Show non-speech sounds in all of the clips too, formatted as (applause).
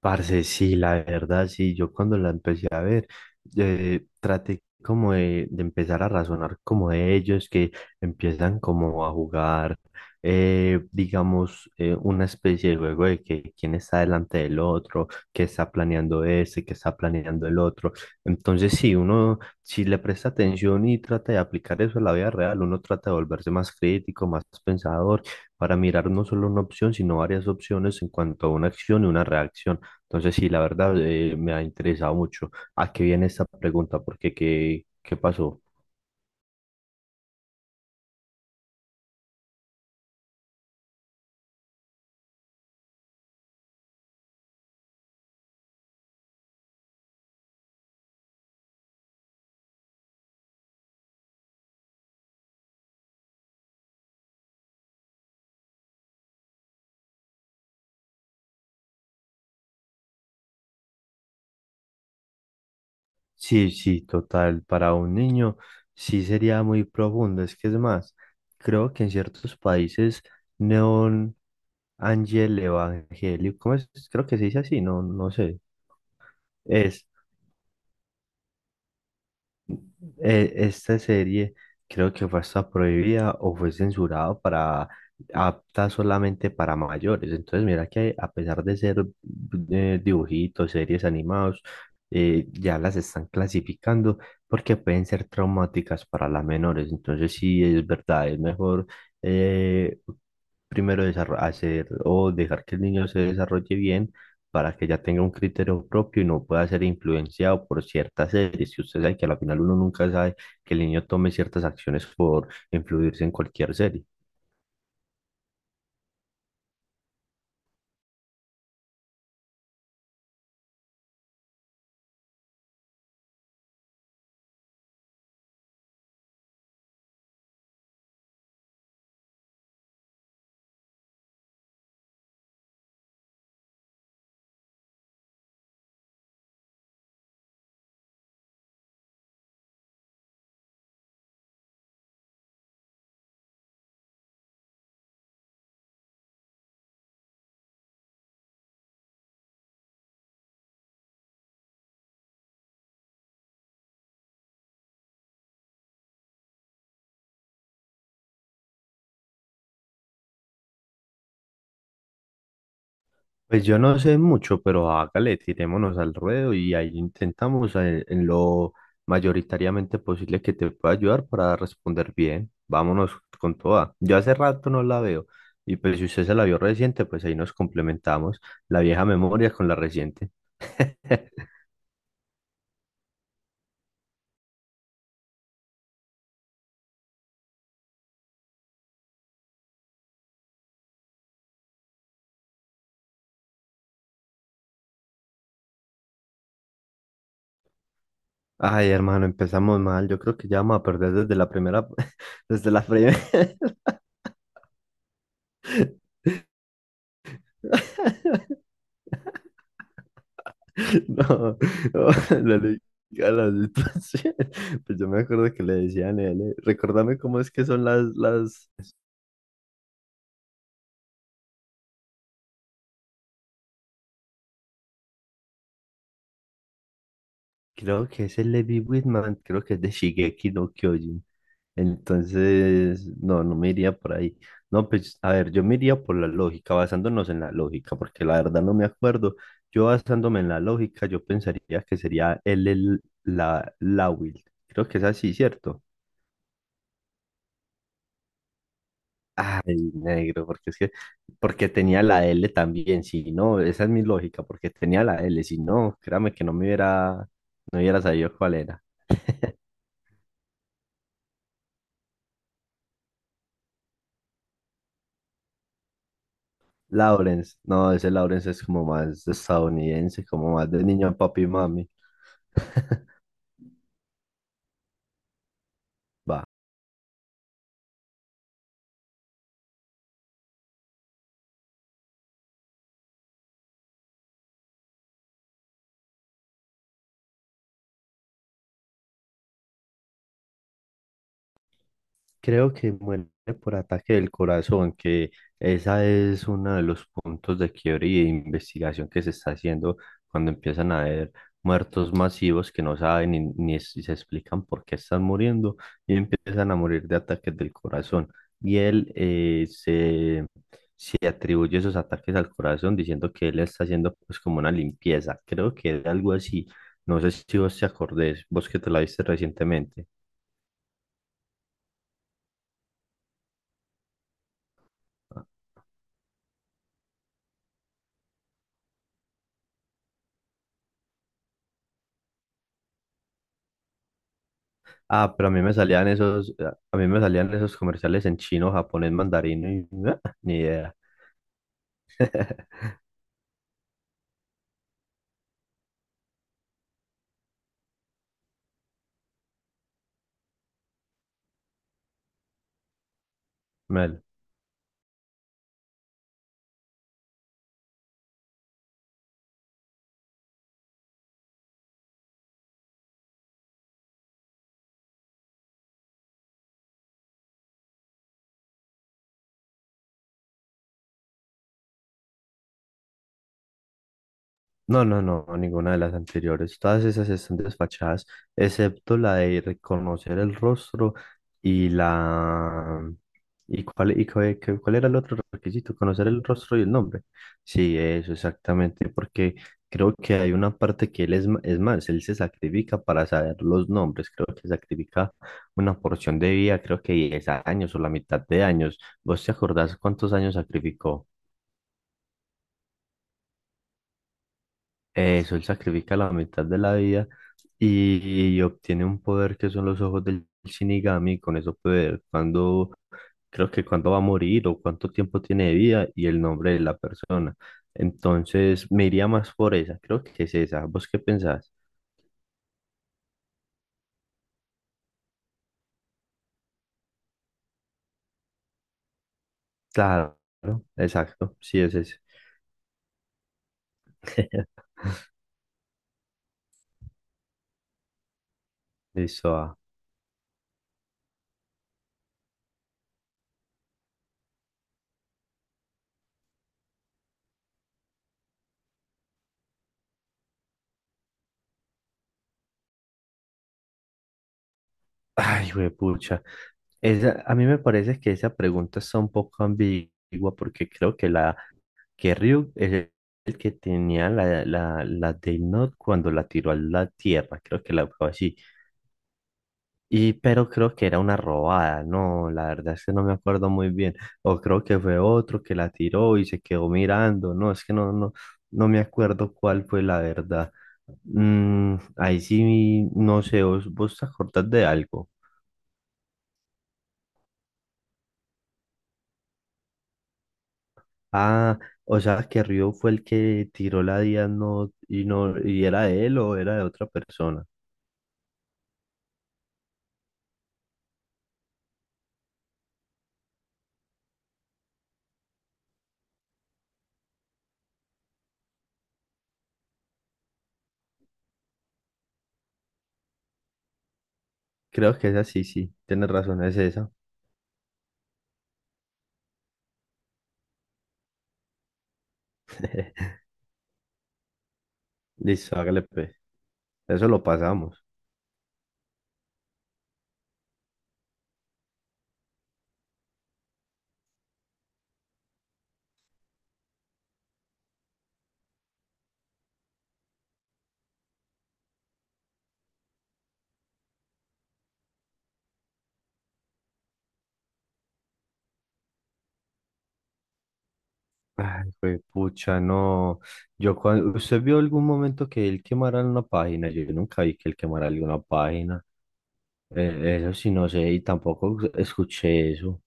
Parce, sí, la verdad, sí, yo cuando la empecé a ver, traté como de empezar a razonar como de ellos que empiezan como a jugar, digamos, una especie de juego de que quién está delante del otro, qué está planeando ese, qué está planeando el otro. Entonces, sí, uno, si le presta atención y trata de aplicar eso a la vida real, uno trata de volverse más crítico, más pensador, para mirar no solo una opción, sino varias opciones en cuanto a una acción y una reacción. Entonces, sí, la verdad me ha interesado mucho. ¿A qué viene esta pregunta? ¿Porque qué, qué pasó? Sí, sí, total, para un niño sí sería muy profundo. Es que es más, creo que en ciertos países neón ángel evangélico, ¿cómo es? Creo que se dice así, no, no sé. Es, esta serie creo que fue hasta prohibida o fue censurada para apta solamente para mayores. Entonces, mira que a pesar de ser dibujitos, series animados, ya las están clasificando porque pueden ser traumáticas para las menores. Entonces, sí, es verdad, es mejor eh, primero hacer o dejar que el niño se desarrolle bien para que ya tenga un criterio propio y no pueda ser influenciado por ciertas series. Y usted sabe que a la final uno nunca sabe que el niño tome ciertas acciones por influirse en cualquier serie. Pues yo no sé mucho, pero hágale, tirémonos al ruedo y ahí intentamos lo mayoritariamente posible que te pueda ayudar para responder bien. Vámonos con toda. Yo hace rato no la veo y pues si usted se la vio reciente, pues ahí nos complementamos la vieja memoria con la reciente. (laughs) Ay, hermano, empezamos mal. Yo creo que ya vamos a perder desde la primera, (laughs) desde la primera. (laughs) No, no, (laughs) la ley- a la situación. (laughs) Pues yo me acuerdo que le decían él. Recordame cómo es que son las, las. Creo que es el Levi Whitman, creo que es de Shigeki no Kyojin. Entonces, no, no me iría por ahí. No, pues, a ver, yo me iría por la lógica, basándonos en la lógica, porque la verdad no me acuerdo. Yo basándome en la lógica, yo pensaría que sería la Will. Creo que es así, ¿cierto? Ay, negro, porque es que, porque tenía la L también, si no, esa es mi lógica, porque tenía la L, si no, créame que no me hubiera, no hubiera sabido cuál era. Lawrence, no, ese Lawrence es como más estadounidense, como más de niño, papi y mami. Va. Creo que muere por ataque del corazón, que esa es uno de los puntos de quiebre y de investigación que se está haciendo cuando empiezan a haber muertos masivos que no saben ni, ni es- se explican por qué están muriendo y empiezan a morir de ataques del corazón. Y él se atribuye esos ataques al corazón diciendo que él está haciendo pues como una limpieza. Creo que era algo así. No sé si vos te acordés, vos que te la viste recientemente. Ah, pero a mí me salían esos, a mí me salían esos comerciales en chino, japonés, mandarín, y, (laughs) ah, ni idea. Me. No, no, no, ninguna de las anteriores. Todas esas están desfachadas, excepto la de reconocer el rostro y la... ¿Y cuál, cuál era el otro requisito? Conocer el rostro y el nombre. Sí, eso exactamente, porque creo que hay una parte que él es más, él se sacrifica para saber los nombres, creo que sacrifica una porción de vida, creo que 10 años o la mitad de años. ¿Vos te acordás cuántos años sacrificó? Eso, él sacrifica la mitad de la vida y obtiene un poder que son los ojos del Shinigami. Con eso puede, cuando, creo que cuando va a morir o cuánto tiempo tiene de vida y el nombre de la persona. Entonces, me iría más por esa, creo que es esa. ¿Vos qué pensás? Claro, exacto, sí es ese. (laughs) Listo. Ah. Ay, pucha. Esa, a mí me parece que esa pregunta está un poco ambigua porque creo que la que Ryuk es el que tenía la Death Note cuando la tiró a la tierra, creo que la fue así. Y, pero creo que era una robada, no, la verdad es que no me acuerdo muy bien. O creo que fue otro que la tiró y se quedó mirando, no, es que no me acuerdo cuál fue la verdad. Mm, ahí sí, no sé, ¿vos, vos te acordás de algo? Ah, o sea, que Ryu fue el que tiró la Death Note y, no, y era de él o era de otra persona. Creo que esa sí, sí, tienes razón, es esa. (laughs) Listo, hágale pues. Eso lo pasamos. Ay, pues, pucha, no. Yo cuando... ¿Usted vio algún momento que él quemara una página? Yo nunca vi que él quemara alguna página. Eso sí, no sé, y tampoco escuché eso.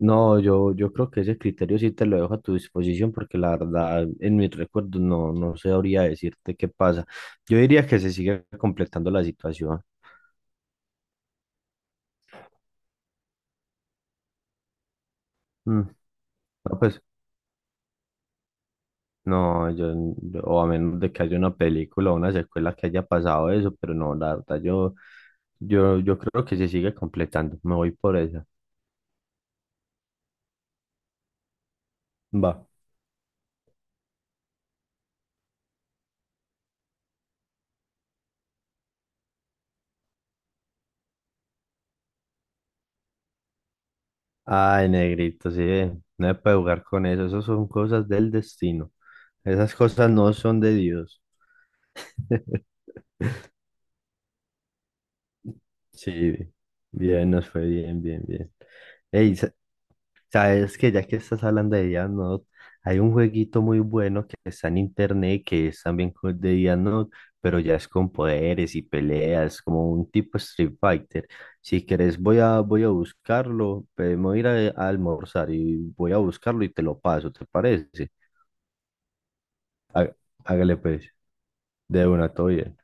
No, yo creo que ese criterio sí te lo dejo a tu disposición porque la verdad en mis recuerdos no, no sabría decirte qué pasa. Yo diría que se sigue completando la situación. Mm, no, pues no, o a menos de que haya una película o una secuela que haya pasado eso, pero no, la verdad, yo creo que se sigue completando. Me voy por esa. Va. Ay, negrito, sí, no se puede jugar con eso. Esas son cosas del destino. Esas cosas no son de Dios. (laughs) Sí, bien, nos fue bien, bien, bien. Ey, sabes que ya que estás hablando de Death hay un jueguito muy bueno que está en internet que es también de Death Note, pero ya es con poderes y peleas, como un tipo Street Fighter. Si quieres, voy a buscarlo, me voy a ir a almorzar y voy a buscarlo y te lo paso, ¿te parece? Há- Hágale pues, de una, todo bien.